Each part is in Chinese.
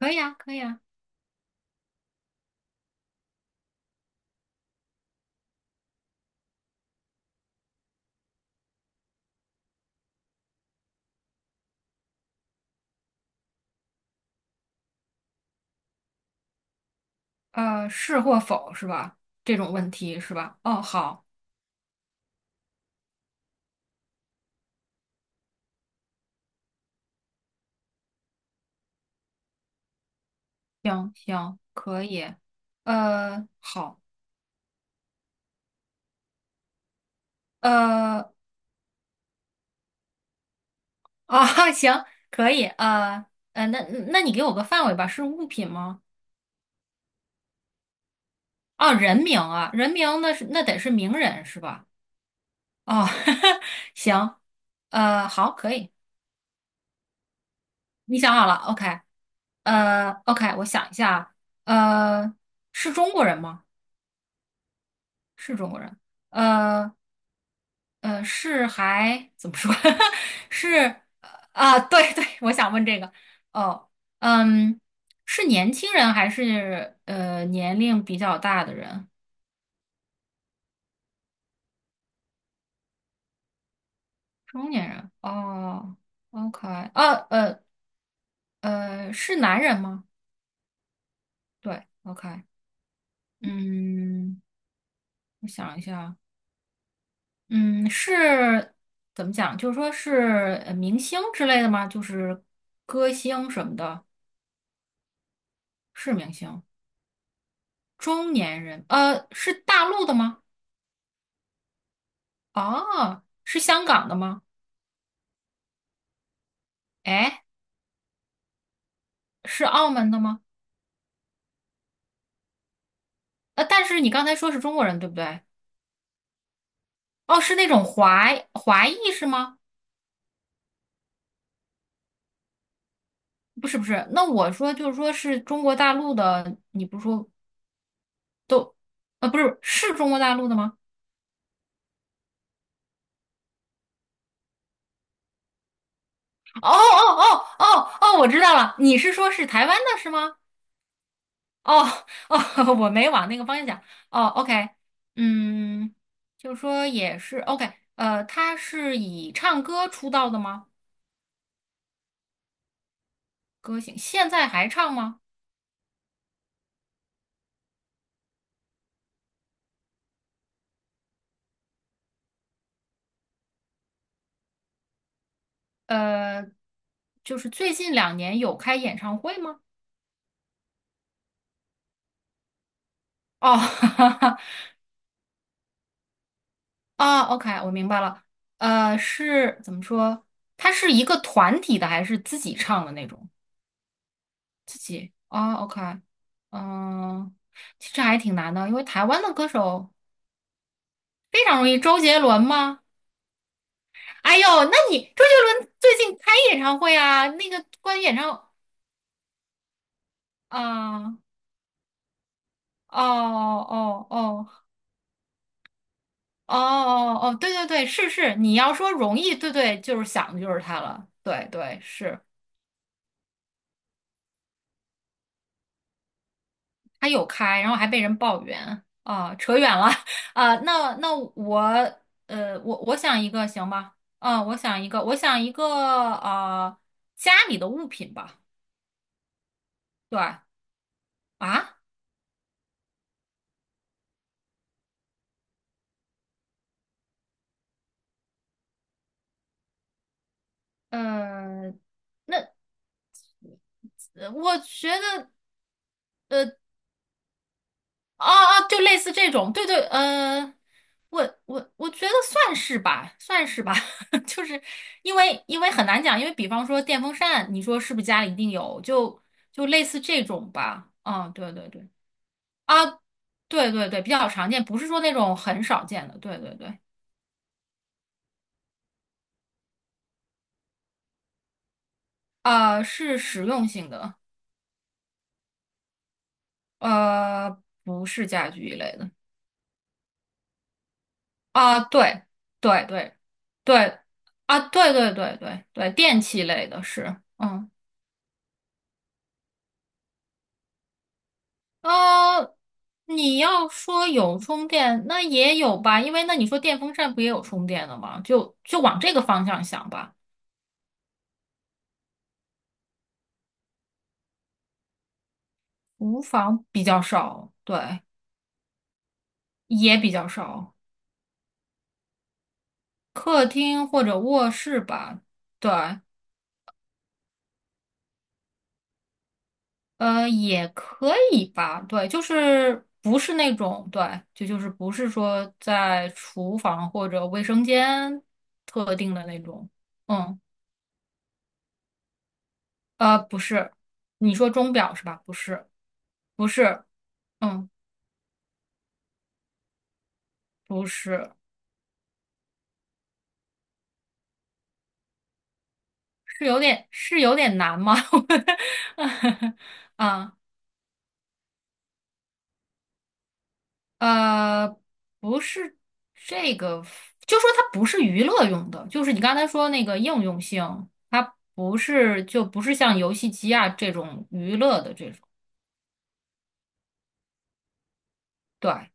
可以啊，可以啊，是或否是吧？这种问题是吧？哦，好，行行，可以，好，呃，行，可以，那你给我个范围吧，是物品吗？哦，人名啊，人名那得是名人是吧？哦，行，好，可以，你想好了，OK，OK，我想一下啊，是中国人吗？是中国人。呃，是还怎么说？是，对对，我想问这个。哦，嗯，是年轻人还是年龄比较大的人？中年人。哦哦，OK，呃呃是男人吗？对，OK，嗯，我想一下，嗯，是怎么讲？就是说是明星之类的吗？就是歌星什么的，是明星。中年人，是大陆的吗？哦，是香港的吗？哎，是澳门的吗？但是你刚才说是中国人，对不对？哦，是那种华裔是吗？不是不是，那我说就是说是中国大陆的，你不是说都，不是，是中国大陆的吗？哦哦哦哦哦，我知道了，你是说是台湾的是吗？哦哦，我没往那个方向想。哦，OK，嗯，就是说也是 OK，他是以唱歌出道的吗？歌星现在还唱吗？呃，就是最近两年有开演唱会吗？哦，啊，OK，我明白了。是怎么说？它是一个团体的还是自己唱的那种？自己啊，OK，嗯，其实还挺难的，因为台湾的歌手非常容易。周杰伦吗？哎呦，那你周杰伦最近开演唱会啊？那个关于演唱啊，哦哦哦。哦哦哦，对对对，是是，你要说容易，对对，就是想的就是它了，对对是，它有开，然后还被人抱怨啊，扯远了 啊，那我我我想一个行吧，啊，我想一个，我想一个啊，家里的物品吧，对啊，呃，那我觉得。哦哦，就类似这种，对对，我觉得算是吧，算是吧，就是因为很难讲，因为比方说电风扇，你说是不是家里一定有，就类似这种吧，嗯，对对对，啊，对对对，比较常见，不是说那种很少见的，对对对，啊，是实用性的，呃，不是家居一类的，啊，对对对对，啊，对对对对对，电器类的是，嗯。呃，你要说有充电，那也有吧，因为那你说电风扇不也有充电的吗？就往这个方向想吧。厨房比较少，对，也比较少。客厅或者卧室吧，对，也可以吧，对，就是不是那种，对，就是不是说在厨房或者卫生间特定的那种，嗯，不是，你说钟表是吧？不是，不是。嗯。不是，是有点是有点难吗？啊呃，不是这个，就说它不是娱乐用的，就是你刚才说那个应用性，它不是就不是像游戏机啊这种娱乐的这种，对，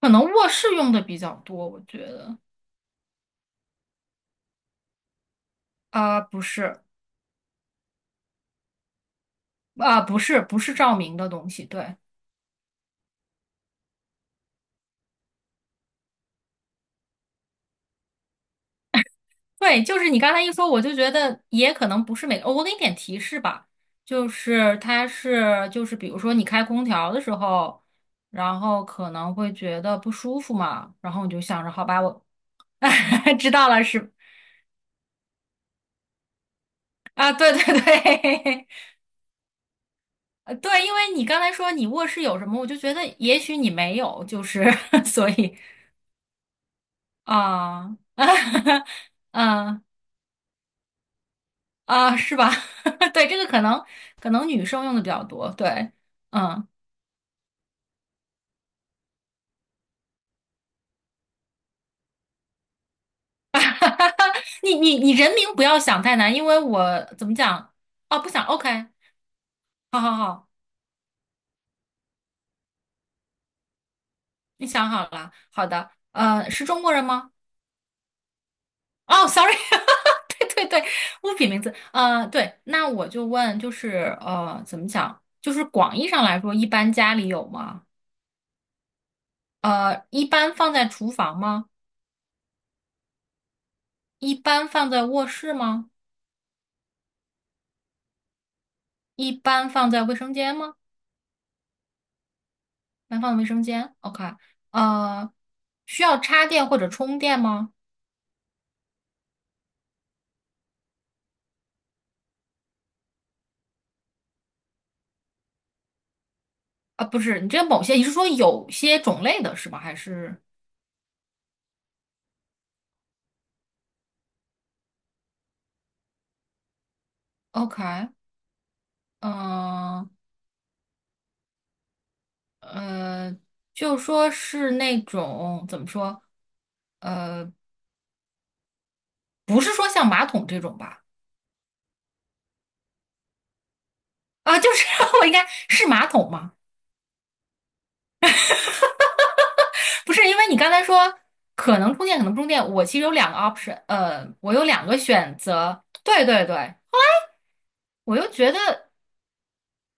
可能卧室用的比较多，我觉得啊，不是啊，不是不是照明的东西，对。对，就是你刚才一说，我就觉得也可能不是每个，哦我给你点提示吧，就是它是就是比如说你开空调的时候，然后可能会觉得不舒服嘛，然后你就想着好吧，我 知道了是啊，对对对，对，因为你刚才说你卧室有什么，我就觉得也许你没有，就是 所以啊，嗯啊，是吧？对，这个可能女生用的比较多，对，嗯。哈哈，你人名不要想太难，因为我怎么讲？哦，不想，OK，好好好，你想好了，好的，是中国人吗？哦，sorry，哈哈，对对对，物品名字，对，那我就问，就是怎么讲？就是广义上来说，一般家里有吗？一般放在厨房吗？一般放在卧室吗？一般放在卫生间吗？一般放在卫生间，OK，呃，需要插电或者充电吗？啊，不是，你这某些，你是说有些种类的是吧？还是 OK？嗯呃，就说是那种怎么说？呃，不是说像马桶这种吧？啊，就是 我应该是马桶吗？不是，因为你刚才说可能充电，可能不充电。我其实有两个 option，我有两个选择。对对对，我又觉得。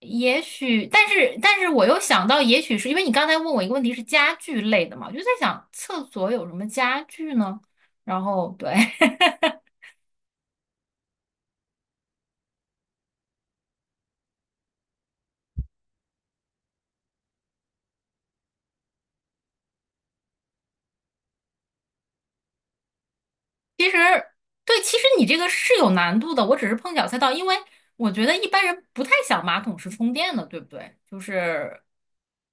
也许，但是我又想到，也许是因为你刚才问我一个问题是家具类的嘛，我就在想厕所有什么家具呢？然后对，其实对，其实你这个是有难度的，我只是碰巧猜到，因为我觉得一般人不太想马桶是充电的，对不对？就是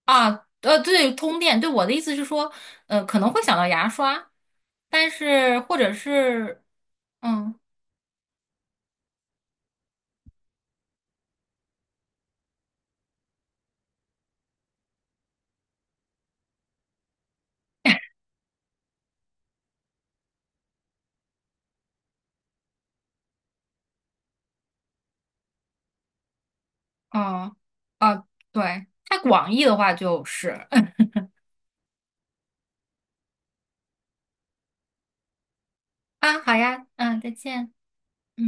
啊，对，通电，对，我的意思是说，可能会想到牙刷，但是或者是嗯，哦、啊，对，太广义的话就是。啊，好呀，嗯，再见。嗯。